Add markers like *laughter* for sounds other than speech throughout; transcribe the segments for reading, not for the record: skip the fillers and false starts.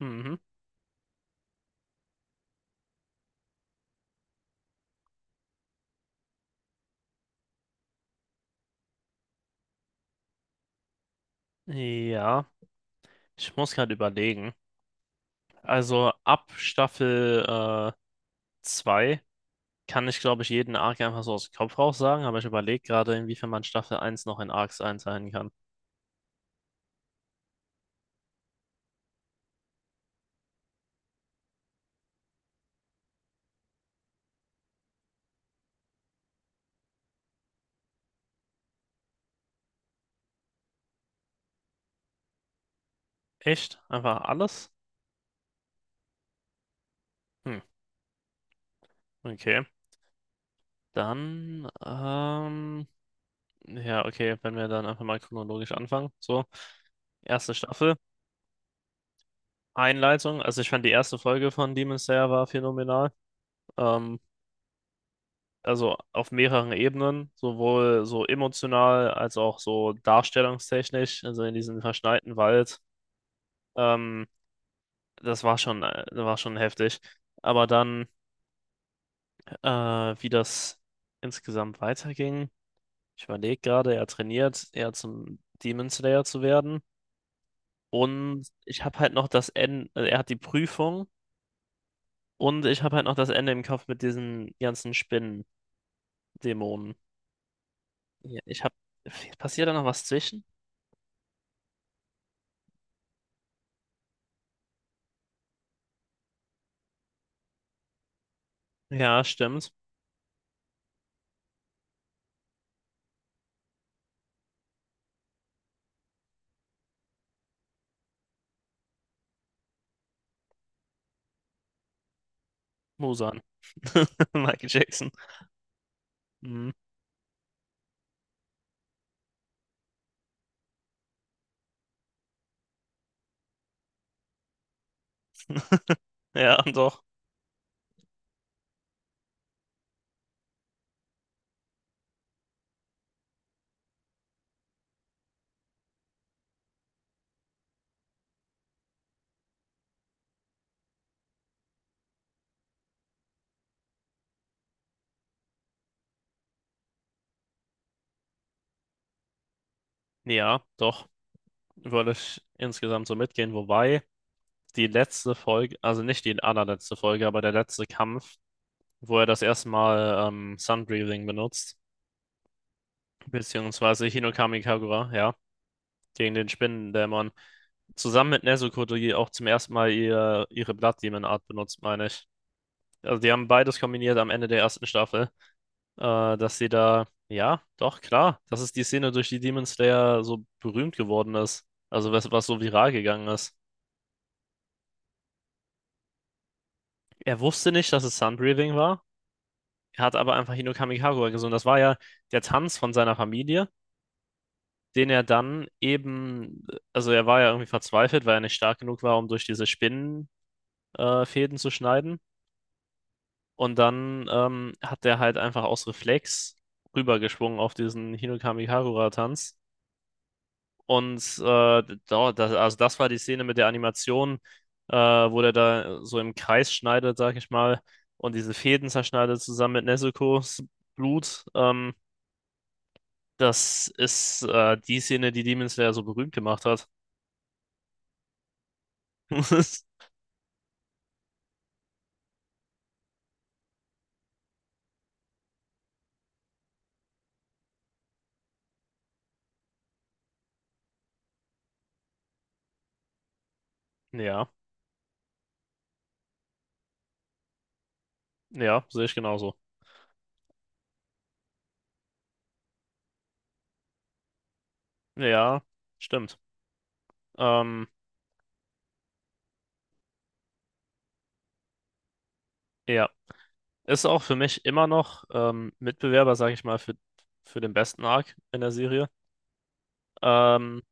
Mhm. Ja, ich muss gerade überlegen. Also ab Staffel 2 kann ich, glaube ich, jeden Arc einfach so aus dem Kopf raus sagen, aber ich überlege gerade, inwiefern man Staffel eins noch in Arcs einteilen kann. Echt? Einfach alles? Hm, okay. Dann, ja, okay, wenn wir dann einfach mal chronologisch anfangen. So, erste Staffel, Einleitung. Also ich fand die erste Folge von Demon Slayer war phänomenal. Ähm, also auf mehreren Ebenen, sowohl so emotional als auch so darstellungstechnisch, also in diesem verschneiten Wald. Ähm, Das war schon heftig. Aber dann, äh, wie das insgesamt weiterging, ich überlege gerade, er trainiert, er zum Demon Slayer zu werden. Und ich habe halt noch das Ende, also er hat die Prüfung, und ich habe halt noch das Ende im Kopf mit diesen ganzen Spinnen-Dämonen. Ja, ich habe, passiert da noch was zwischen? Ja, stimmt. Musan. *laughs* Michael Jackson. Mhm. *laughs* Ja, doch. Ja, doch. Würde ich insgesamt so mitgehen. Wobei die letzte Folge, also nicht die allerletzte Folge, aber der letzte Kampf, wo er das erste Mal Sun Breathing benutzt, beziehungsweise Hinokami Kagura, ja, gegen den Spinnendämon. Zusammen mit Nezuko, die auch zum ersten Mal ihre Blood Demon Art benutzt, meine ich. Also die haben beides kombiniert am Ende der ersten Staffel. Dass sie da, ja, doch, klar, das ist die Szene, durch die Demon Slayer so berühmt geworden ist. Also was so viral gegangen ist. Er wusste nicht, dass es Sunbreathing war. Er hat aber einfach Hinokami Kamikawa gesungen. Das war ja der Tanz von seiner Familie, den er dann eben, also er war ja irgendwie verzweifelt, weil er nicht stark genug war, um durch diese Spinnenfäden Fäden zu schneiden. Und dann hat er halt einfach aus Reflex rübergeschwungen auf diesen Hinokami Kagura tanz. Und also das war die Szene mit der Animation, wo der da so im Kreis schneidet, sag ich mal, und diese Fäden zerschneidet zusammen mit Nezuko's Blut. Das ist die Szene, die Demon Slayer so berühmt gemacht hat. *laughs* Ja, ja, sehe ich genauso. Ja, stimmt. Ähm, ja, ist auch für mich immer noch Mitbewerber, sag ich mal, für den besten Arc in der Serie. Ähm,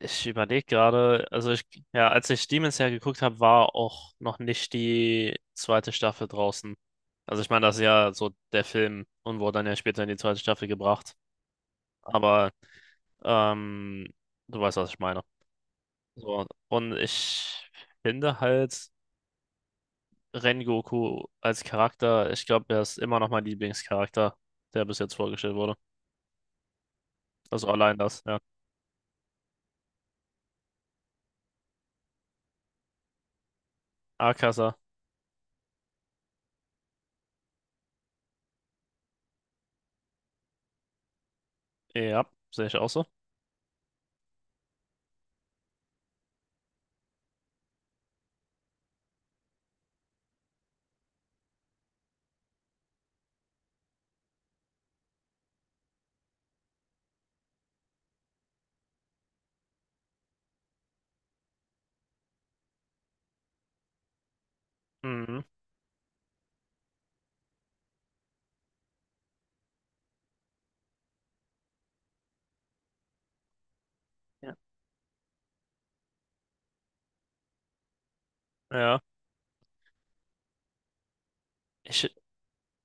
Ich überlege gerade, ja, als ich Demon Slayer geguckt habe, war auch noch nicht die zweite Staffel draußen. Also ich meine, das ist ja so der Film und wurde dann ja später in die zweite Staffel gebracht. Aber ähm, du weißt, was ich meine. So, und ich finde halt Rengoku als Charakter, ich glaube, er ist immer noch mein Lieblingscharakter, der bis jetzt vorgestellt wurde. Also allein das, ja. Akaza, ja, sehe ich auch so. Mhm. Ja. Ja. Ich,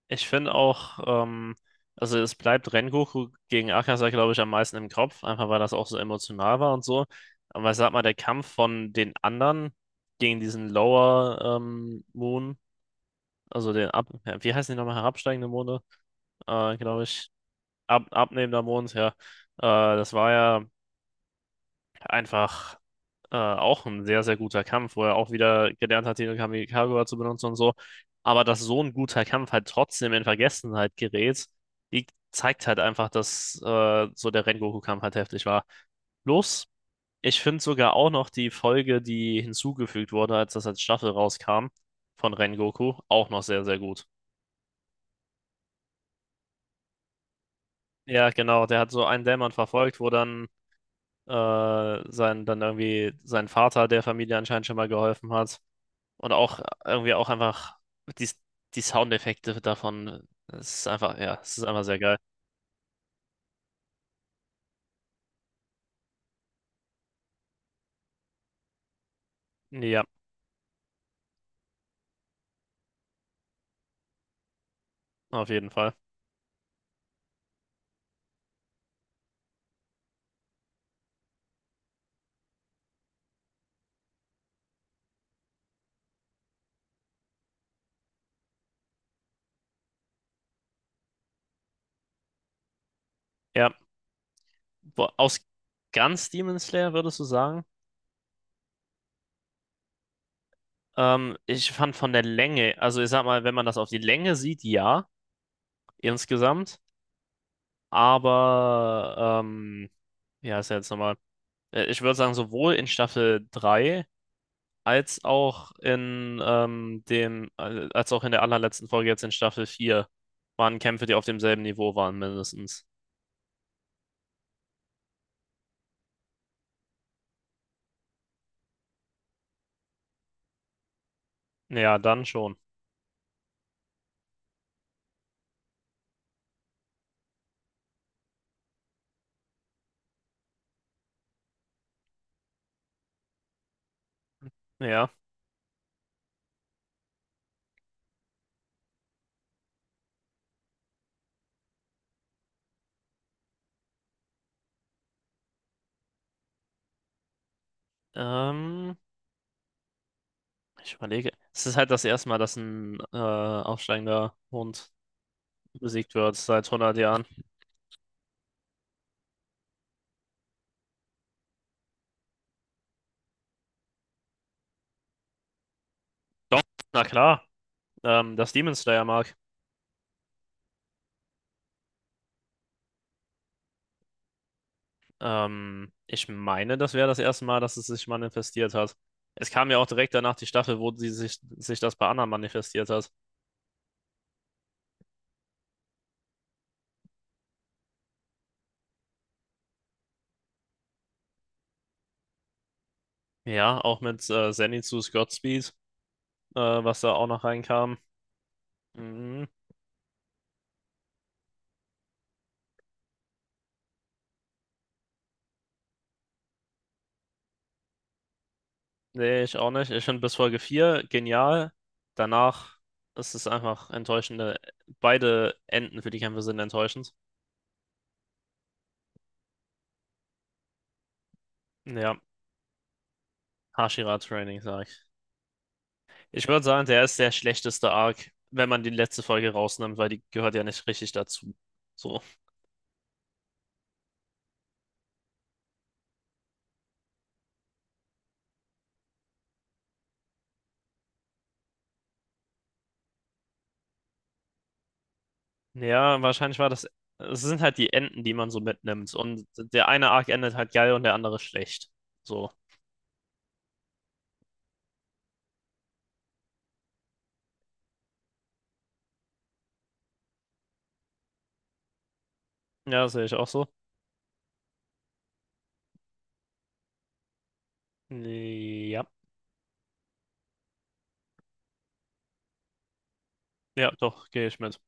Ich finde auch, also es bleibt Rengoku gegen Akaza, glaube ich, am meisten im Kopf, einfach weil das auch so emotional war und so. Aber ich sag mal, der Kampf von den anderen gegen diesen Lower Moon, ja, wie heißen die nochmal, herabsteigende Monde, äh, glaube ich, abnehmender Mond, ja, das war ja einfach auch ein sehr, sehr guter Kampf, wo er auch wieder gelernt hat, den Kamikaze zu benutzen und so. Aber dass so ein guter Kampf halt trotzdem in Vergessenheit gerät, die zeigt halt einfach, dass so der Rengoku-Kampf halt heftig war. Plus, ich finde sogar auch noch die Folge, die hinzugefügt wurde, als das als Staffel rauskam, von Rengoku, auch noch sehr, sehr gut. Ja, genau, der hat so einen Dämon verfolgt, wo dann dann irgendwie sein Vater der Familie anscheinend schon mal geholfen hat. Und auch irgendwie auch einfach die, die Soundeffekte davon. Es ist einfach, ja, es ist einfach sehr geil. Ja, auf jeden Fall. Ja, wo, aus ganz Demon Slayer würdest du sagen? Ich fand von der Länge, also ich sag mal, wenn man das auf die Länge sieht, ja, insgesamt. Aber, ja, ist ja jetzt nochmal. Ich würde sagen, sowohl in Staffel 3 als auch in als auch in der allerletzten Folge jetzt in Staffel 4 waren Kämpfe, die auf demselben Niveau waren, mindestens. Ja, dann schon. Ja. Ähm, Ich überlege. Es ist halt das erste Mal, dass ein aufsteigender Hund besiegt wird seit 100 Jahren. Doch, na klar. Das Demon Slayer mag. Ich meine, das wäre das erste Mal, dass es sich manifestiert hat. Es kam ja auch direkt danach die Staffel, wo sich das bei Anna manifestiert hat. Ja, auch mit Zenitsu's Godspeed, was da auch noch reinkam. Mhm. Nee, ich auch nicht. Ich finde bis Folge 4 genial. Danach ist es einfach enttäuschende. Beide Enden für die Kämpfe sind enttäuschend. Ja, Hashira Training, sag ich. Ich würde sagen, der ist der schlechteste Arc, wenn man die letzte Folge rausnimmt, weil die gehört ja nicht richtig dazu. So. Ja, wahrscheinlich war das. Es sind halt die Enden, die man so mitnimmt. Und der eine Arc endet halt geil und der andere schlecht. So. Ja, das sehe ich auch so. Ja, ja, doch, gehe ich mit.